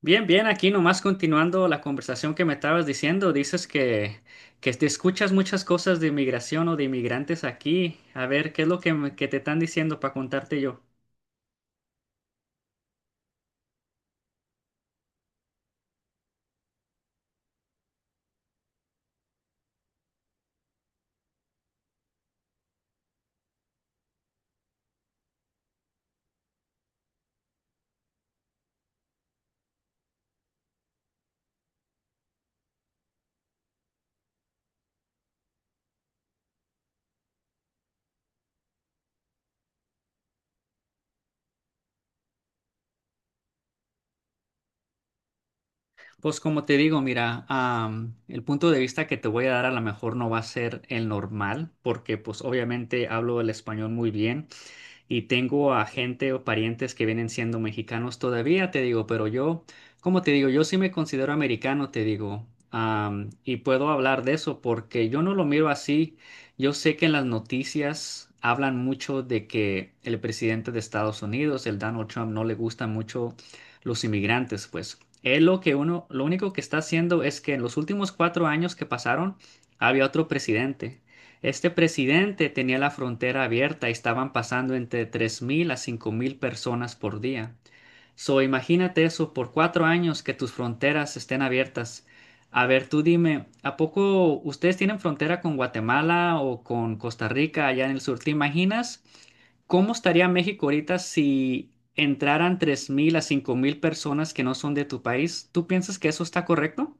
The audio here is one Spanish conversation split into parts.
Bien, bien, aquí nomás continuando la conversación que me estabas diciendo, dices que, te escuchas muchas cosas de inmigración o de inmigrantes aquí. A ver, ¿qué es lo que te están diciendo para contarte yo? Pues como te digo, mira, el punto de vista que te voy a dar a lo mejor no va a ser el normal, porque pues obviamente hablo el español muy bien. Y tengo a gente o parientes que vienen siendo mexicanos todavía, te digo, pero yo, como te digo, yo sí me considero americano, te digo, y puedo hablar de eso porque yo no lo miro así. Yo sé que en las noticias hablan mucho de que el presidente de Estados Unidos, el Donald Trump, no le gustan mucho los inmigrantes, pues. Él lo que uno, lo único que está haciendo es que en los últimos cuatro años que pasaron, había otro presidente. Este presidente tenía la frontera abierta y estaban pasando entre 3.000 a 5.000 personas por día. So, imagínate eso por cuatro años que tus fronteras estén abiertas. A ver, tú dime, ¿a poco ustedes tienen frontera con Guatemala o con Costa Rica allá en el sur? ¿Te imaginas cómo estaría México ahorita si entraran 3.000 a 5.000 personas que no son de tu país? ¿Tú piensas que eso está correcto?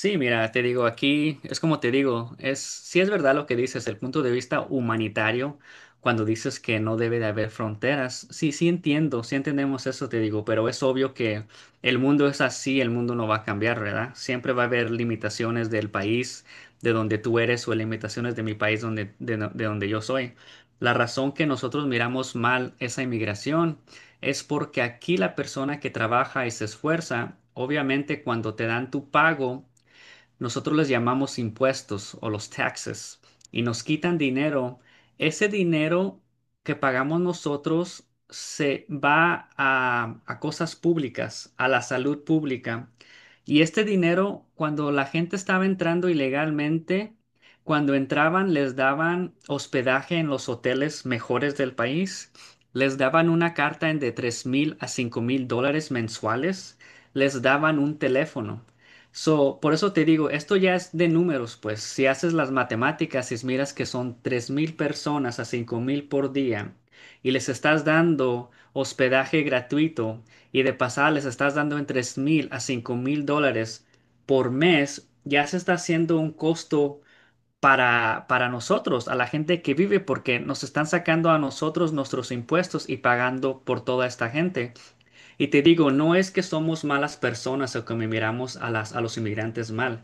Sí, mira, te digo, aquí es como te digo, es sí es verdad lo que dices, el punto de vista humanitario, cuando dices que no debe de haber fronteras, sí, sí entiendo, sí entendemos eso, te digo, pero es obvio que el mundo es así, el mundo no va a cambiar, ¿verdad? Siempre va a haber limitaciones del país de donde tú eres o limitaciones de mi país donde, de, no- de donde yo soy. La razón que nosotros miramos mal esa inmigración es porque aquí la persona que trabaja y se esfuerza, obviamente cuando te dan tu pago, nosotros les llamamos impuestos o los taxes y nos quitan dinero. Ese dinero que pagamos nosotros se va a cosas públicas, a la salud pública. Y este dinero, cuando la gente estaba entrando ilegalmente, cuando entraban les daban hospedaje en los hoteles mejores del país, les daban una carta en de 3 mil a 5 mil dólares mensuales, les daban un teléfono. So, por eso te digo, esto ya es de números, pues si haces las matemáticas y miras que son 3.000 personas a 5.000 por día y les estás dando hospedaje gratuito y de pasada les estás dando entre mil a 5.000 dólares por mes, ya se está haciendo un costo para nosotros, a la gente que vive, porque nos están sacando a nosotros nuestros impuestos y pagando por toda esta gente. Y te digo, no es que somos malas personas o que miramos a los inmigrantes mal.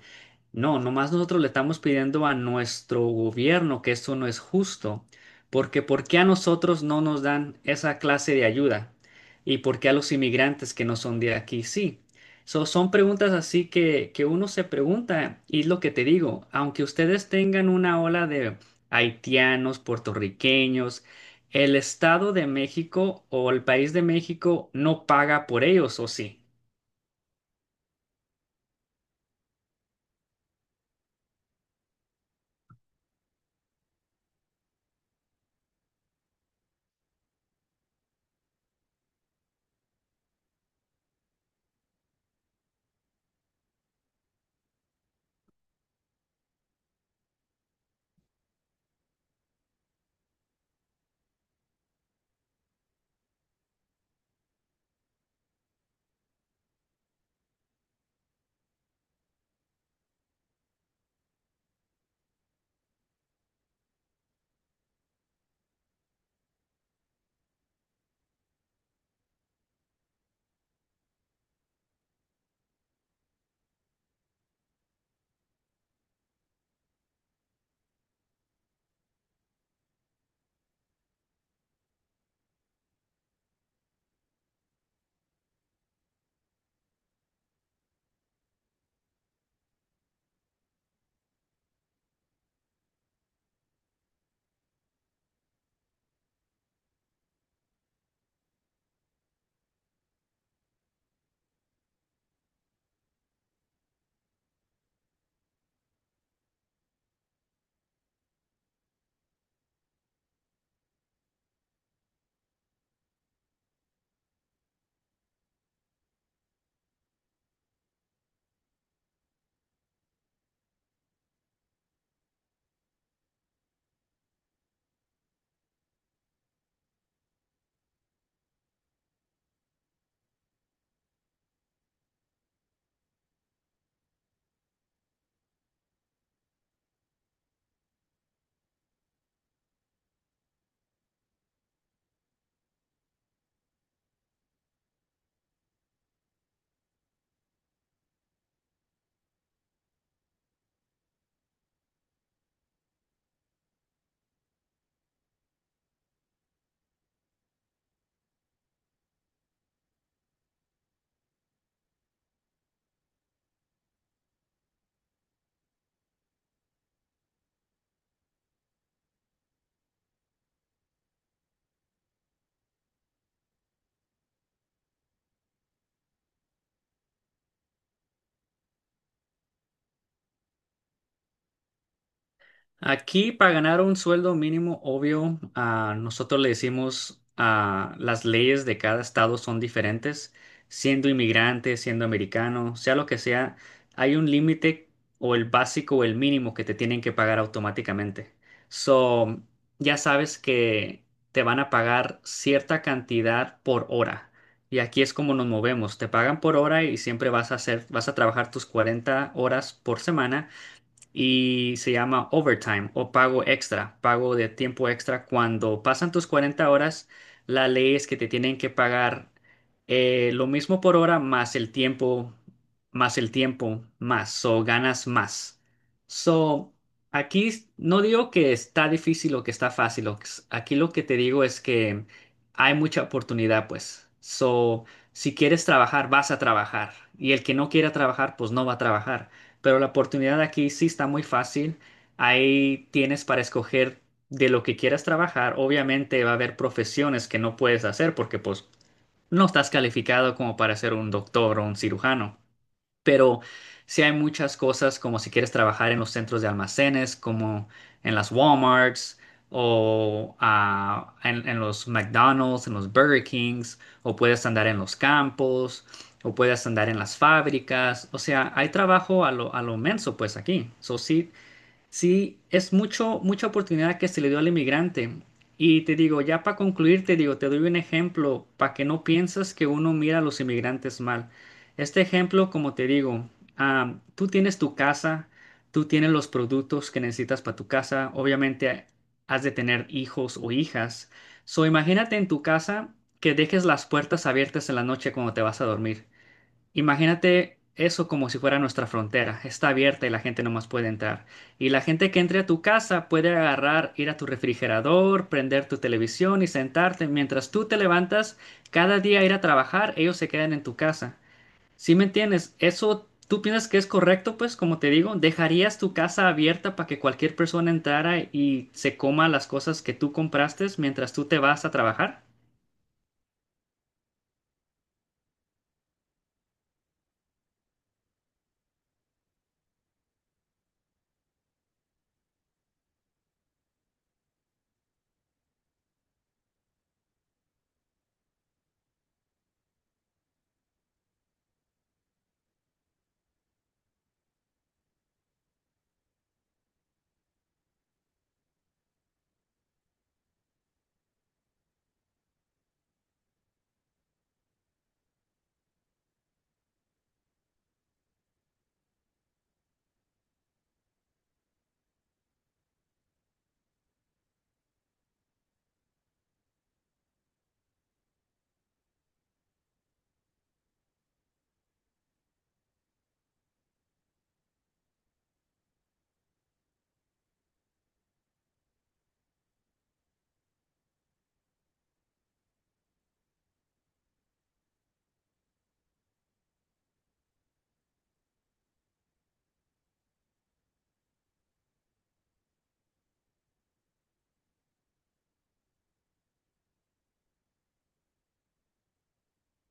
No, nomás nosotros le estamos pidiendo a nuestro gobierno que esto no es justo, porque ¿por qué a nosotros no nos dan esa clase de ayuda? ¿Y por qué a los inmigrantes que no son de aquí sí? So, son preguntas así que uno se pregunta, y es lo que te digo, aunque ustedes tengan una ola de haitianos, puertorriqueños, el Estado de México o el país de México no paga por ellos, ¿o sí? Aquí para ganar un sueldo mínimo, obvio, ah, nosotros le decimos a las leyes de cada estado son diferentes. Siendo inmigrante, siendo americano, sea lo que sea, hay un límite o el básico o el mínimo que te tienen que pagar automáticamente. So, ya sabes que te van a pagar cierta cantidad por hora. Y aquí es como nos movemos. Te pagan por hora y siempre vas a hacer, vas a trabajar tus 40 horas por semana y se llama overtime o pago extra, pago de tiempo extra. Cuando pasan tus 40 horas, la ley es que te tienen que pagar lo mismo por hora más el tiempo, más el tiempo, más, o ganas más. So, aquí no digo que está difícil o que está fácil, o que aquí lo que te digo es que hay mucha oportunidad, pues. So, si quieres trabajar, vas a trabajar. Y el que no quiera trabajar, pues no va a trabajar pero la oportunidad aquí sí está muy fácil. Ahí tienes para escoger de lo que quieras trabajar. Obviamente va a haber profesiones que no puedes hacer porque pues no estás calificado como para ser un doctor o un cirujano. Pero sí hay muchas cosas como si quieres trabajar en los centros de almacenes, como en las Walmarts o en los McDonald's, en los Burger Kings, o puedes andar en los campos, o puedes andar en las fábricas. O sea, hay trabajo a lo menso pues aquí. So, sí, sí, es mucho, mucha oportunidad que se le dio al inmigrante. Y te digo, ya para concluir, te digo, te doy un ejemplo para que no pienses que uno mira a los inmigrantes mal. Este ejemplo, como te digo, ah, tú tienes tu casa, tú tienes los productos que necesitas para tu casa, obviamente has de tener hijos o hijas. So, imagínate en tu casa que dejes las puertas abiertas en la noche cuando te vas a dormir. Imagínate eso como si fuera nuestra frontera. Está abierta y la gente no más puede entrar. Y la gente que entre a tu casa puede agarrar, ir a tu refrigerador, prender tu televisión y sentarte. Mientras tú te levantas, cada día a ir a trabajar, ellos se quedan en tu casa. ¿Sí me entiendes? ¿Eso tú piensas que es correcto? Pues como te digo, ¿dejarías tu casa abierta para que cualquier persona entrara y se coma las cosas que tú compraste mientras tú te vas a trabajar?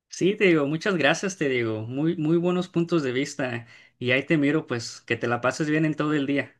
Sí, te digo, muchas gracias, te digo, muy, muy buenos puntos de vista y ahí te miro, pues, que te la pases bien en todo el día.